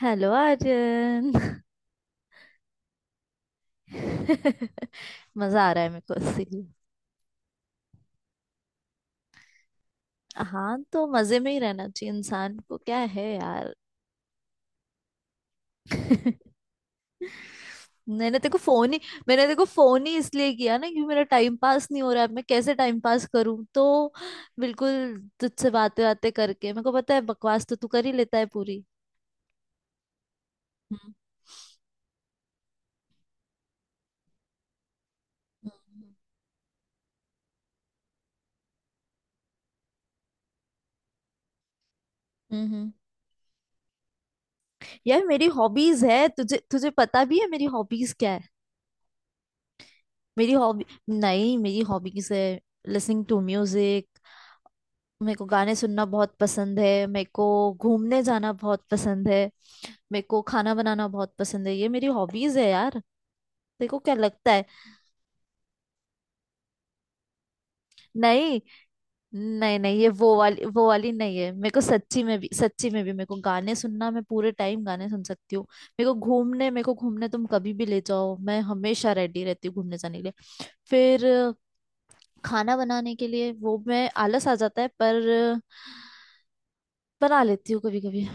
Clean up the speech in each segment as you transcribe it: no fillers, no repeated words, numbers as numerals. Hello Arjun. मजा आ रहा है मेरे को इसीलिए। हाँ, तो मजे में ही रहना चाहिए इंसान को, क्या है यार। मैंने तेरे को फोन ही मैंने तेरे को फोन ही इसलिए किया ना, क्योंकि मेरा टाइम पास नहीं हो रहा है। अब मैं कैसे टाइम पास करूं तो। बिल्कुल। तुझसे बातें बातें करके मेरे को पता है, बकवास तो तू कर ही लेता है पूरी। हम्म। हम्म, हम्म, हम्म। यार, मेरी हॉबीज है। तुझे तुझे पता भी है मेरी हॉबीज क्या है। मेरी हॉबी, नहीं, मेरी हॉबीज है लिसनिंग टू म्यूजिक। मेरे को गाने सुनना बहुत पसंद है। मेरे को घूमने जाना बहुत पसंद है। मेरे को खाना बनाना बहुत पसंद है। ये मेरी हॉबीज है यार। देखो क्या लगता है। नहीं। नहीं, नहीं, ये वो वाली, वो वाली नहीं है। मेरे को सच्ची में भी, सच्ची में भी मेरे को गाने सुनना, मैं पूरे टाइम गाने सुन सकती हूँ। मेरे को घूमने तुम कभी भी ले जाओ, मैं हमेशा रेडी रहती हूँ घूमने जाने के लिए। फिर खाना बनाने के लिए वो मैं आलस आ जाता है, पर बना लेती हूँ कभी कभी।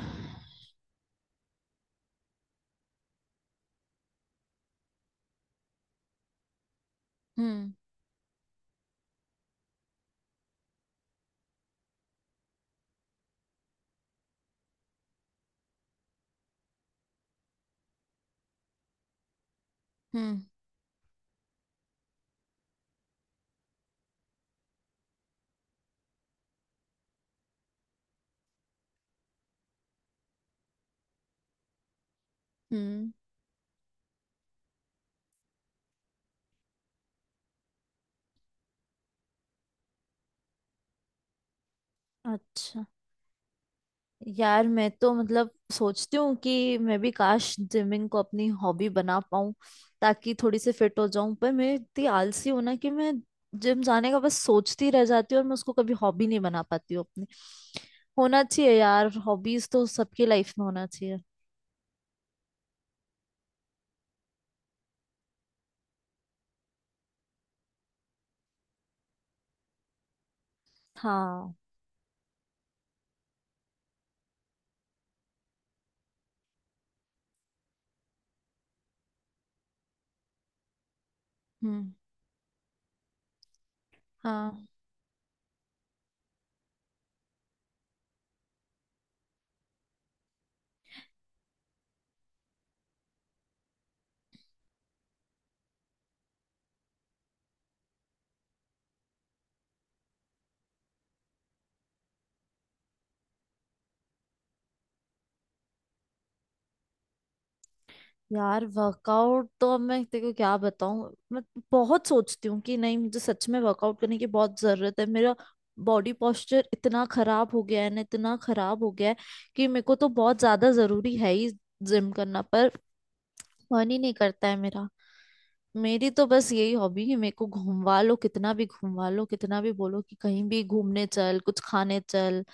हम्म। हम्म। हम्म। अच्छा। यार, मैं तो मतलब सोचती हूँ कि मैं भी काश जिमिंग को अपनी हॉबी बना पाऊँ, ताकि थोड़ी सी फिट हो जाऊं। पर मैं इतनी आलसी हूं ना, कि मैं जिम जाने का बस सोचती रह जाती हूँ, और मैं उसको कभी हॉबी नहीं बना पाती हूँ अपनी। होना चाहिए यार, हॉबीज तो सबकी लाइफ में होना चाहिए। हाँ। हम्म। हाँ। यार, वर्कआउट तो अब मैं तेरे को क्या बताऊं। मैं बहुत सोचती हूँ कि नहीं, मुझे सच में वर्कआउट करने की बहुत जरूरत है। मेरा बॉडी पोस्चर इतना खराब हो गया है ना, इतना खराब हो गया है कि मेरे को तो बहुत ज्यादा जरूरी है ही जिम करना। पर मन ही नहीं करता है मेरा। मेरी तो बस यही हॉबी है, मेरे को घूमवा लो कितना भी, घूमवा लो कितना भी, बोलो कि कहीं भी घूमने चल, कुछ खाने चल,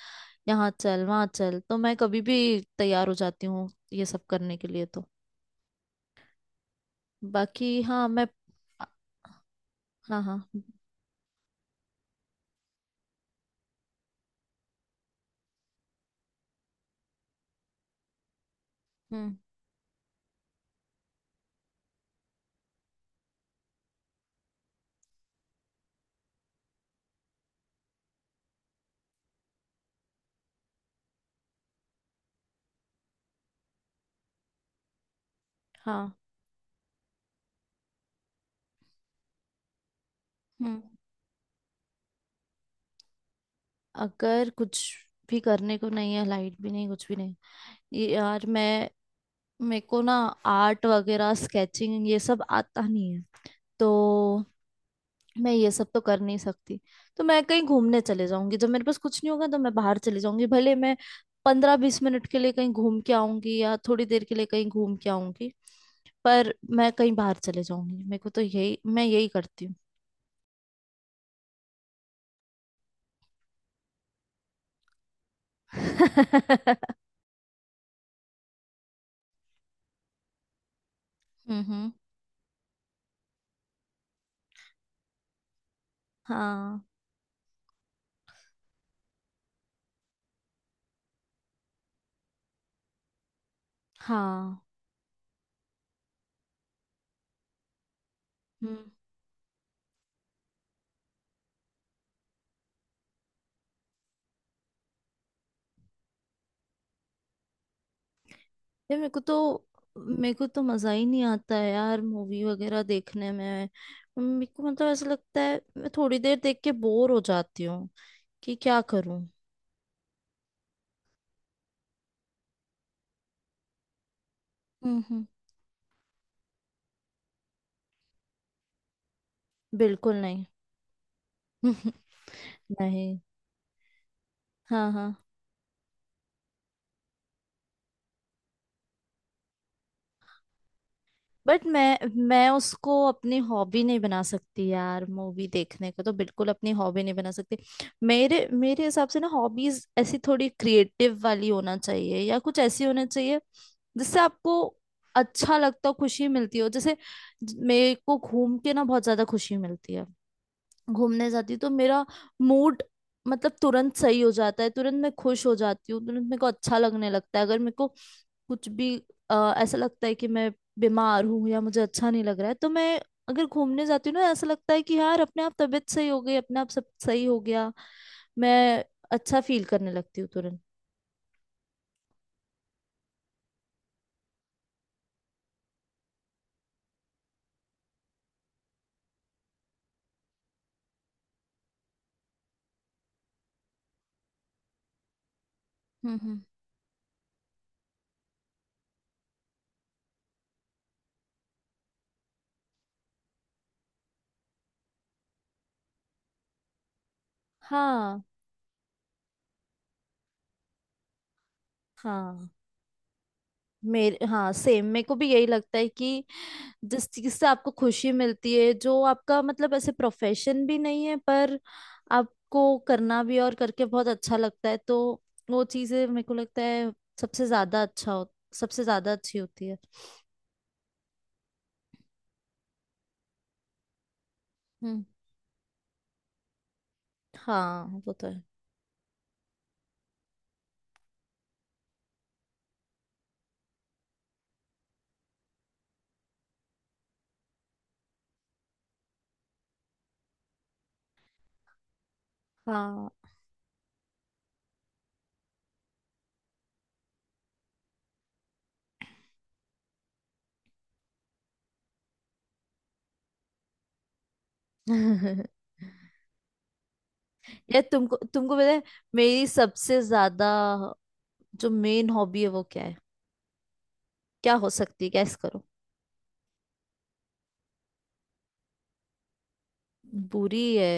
यहाँ चल, वहाँ चल, तो मैं कभी भी तैयार हो जाती हूँ ये सब करने के लिए। तो बाकी हाँ मैं। हाँ, हाँ। हम्म। हाँ। हम्म। अगर कुछ भी करने को नहीं है, लाइट भी नहीं, कुछ भी नहीं। ये, यार, मैं, मेरे को ना आर्ट वगैरह, स्केचिंग, ये सब आता नहीं है, तो मैं ये सब तो कर नहीं सकती। तो मैं कहीं घूमने चले जाऊंगी, जब मेरे पास कुछ नहीं होगा तो मैं बाहर चले जाऊंगी, भले मैं 15-20 मिनट के लिए कहीं घूम के आऊंगी, या थोड़ी देर के लिए कहीं घूम के आऊंगी, पर मैं कहीं बाहर चले जाऊंगी। मेरे को तो यही, मैं यही करती हूँ। हम्म, हाँ, हाँ। हम्म। यार मेरे को तो मजा ही नहीं आता है यार मूवी वगैरह देखने में। मेरे को मतलब ऐसा लगता है मैं थोड़ी देर देख के बोर हो जाती हूँ, कि क्या करूँ। हम्म। हम्म। बिल्कुल नहीं। नहीं। हाँ, हाँ। बट मैं उसको अपनी हॉबी नहीं बना सकती यार, मूवी देखने को तो बिल्कुल अपनी हॉबी नहीं बना सकती। मेरे मेरे हिसाब से ना हॉबीज ऐसी थोड़ी क्रिएटिव वाली होना चाहिए, या कुछ ऐसी होना चाहिए जिससे आपको अच्छा लगता हो, खुशी मिलती हो। जैसे मेरे को घूम के ना बहुत ज्यादा खुशी मिलती है। घूमने जाती हूँ तो मेरा मूड मतलब तुरंत सही हो जाता है। तुरंत मैं खुश हो जाती हूँ, तुरंत मेरे को अच्छा लगने लगता है। अगर मेरे को कुछ भी ऐसा लगता है कि मैं बीमार हूँ, या मुझे अच्छा नहीं लग रहा है, तो मैं अगर घूमने जाती हूँ ना, ऐसा लगता है कि यार अपने आप तबीयत सही हो गई, अपने आप सब सही हो गया। मैं अच्छा फील करने लगती हूँ तुरंत। हम्म। हम्म। हाँ। हाँ। मेरे, हाँ, सेम, मेरे को भी यही लगता है कि जिस चीज से आपको खुशी मिलती है, जो आपका मतलब ऐसे प्रोफेशन भी नहीं है, पर आपको करना भी, और करके बहुत अच्छा लगता है, तो वो चीजें मेरे को लगता है सबसे ज्यादा अच्छा हो, सबसे ज्यादा अच्छी होती है। हम्म। हाँ, वो तो है। हाँ। ये, तुमको तुमको पता है मेरी सबसे ज्यादा जो मेन हॉबी है वो क्या है, क्या हो सकती है, गैस करो। बुरी है।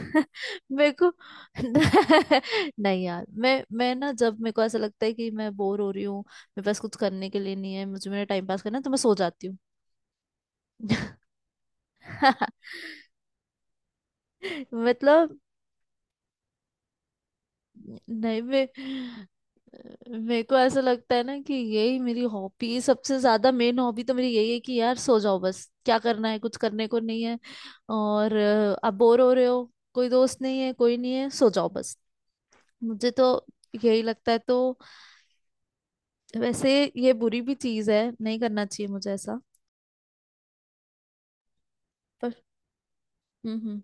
मेरे को नहीं यार, मैं ना, जब मेरे को ऐसा लगता है कि मैं बोर हो रही हूँ, मेरे पास कुछ करने के लिए नहीं है, मुझे मेरा टाइम पास करना है, तो मैं सो जाती हूँ। मतलब। नहीं मैं, मेरे को ऐसा लगता है ना कि यही मेरी हॉबी, सबसे ज्यादा मेन हॉबी तो मेरी यही है, कि यार सो जाओ बस, क्या करना है, कुछ करने को नहीं है, और अब बोर हो रहे हो, कोई दोस्त नहीं है, कोई नहीं है, सो जाओ बस। मुझे तो यही लगता है, तो वैसे ये बुरी भी चीज है, नहीं करना चाहिए मुझे ऐसा। पर। हम्म। हम्म।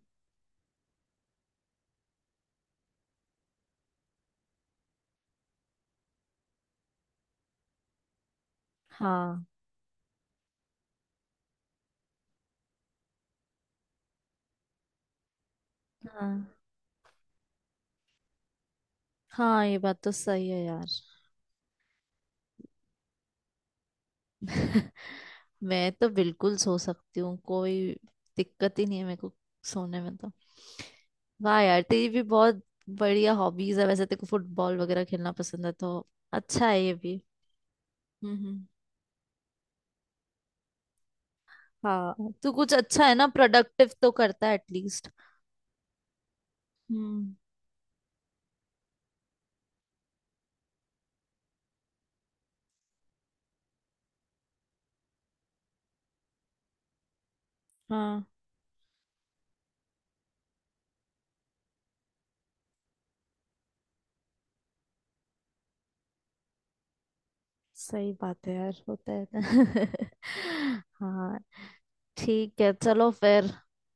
हाँ। हाँ। हाँ, ये बात तो सही है यार। मैं तो बिल्कुल सो सकती हूँ, कोई दिक्कत ही नहीं है मेरे को सोने में। तो वाह यार, तेरी भी बहुत बढ़िया हॉबीज है, वैसे तेरे को फुटबॉल वगैरह खेलना पसंद है, तो अच्छा है ये भी। हम्म। हम्म। हाँ, तू कुछ अच्छा है ना, प्रोडक्टिव तो करता है एटलीस्ट। हम्म। हाँ सही बात है यार, होता है ऐसा। हाँ। ठीक है, चलो फिर।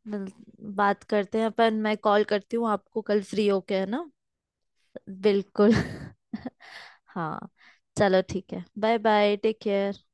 मिल- बात करते हैं अपन, मैं कॉल करती हूँ आपको कल फ्री होके, है ना। बिल्कुल। हाँ। चलो ठीक है, बाय बाय, टेक केयर।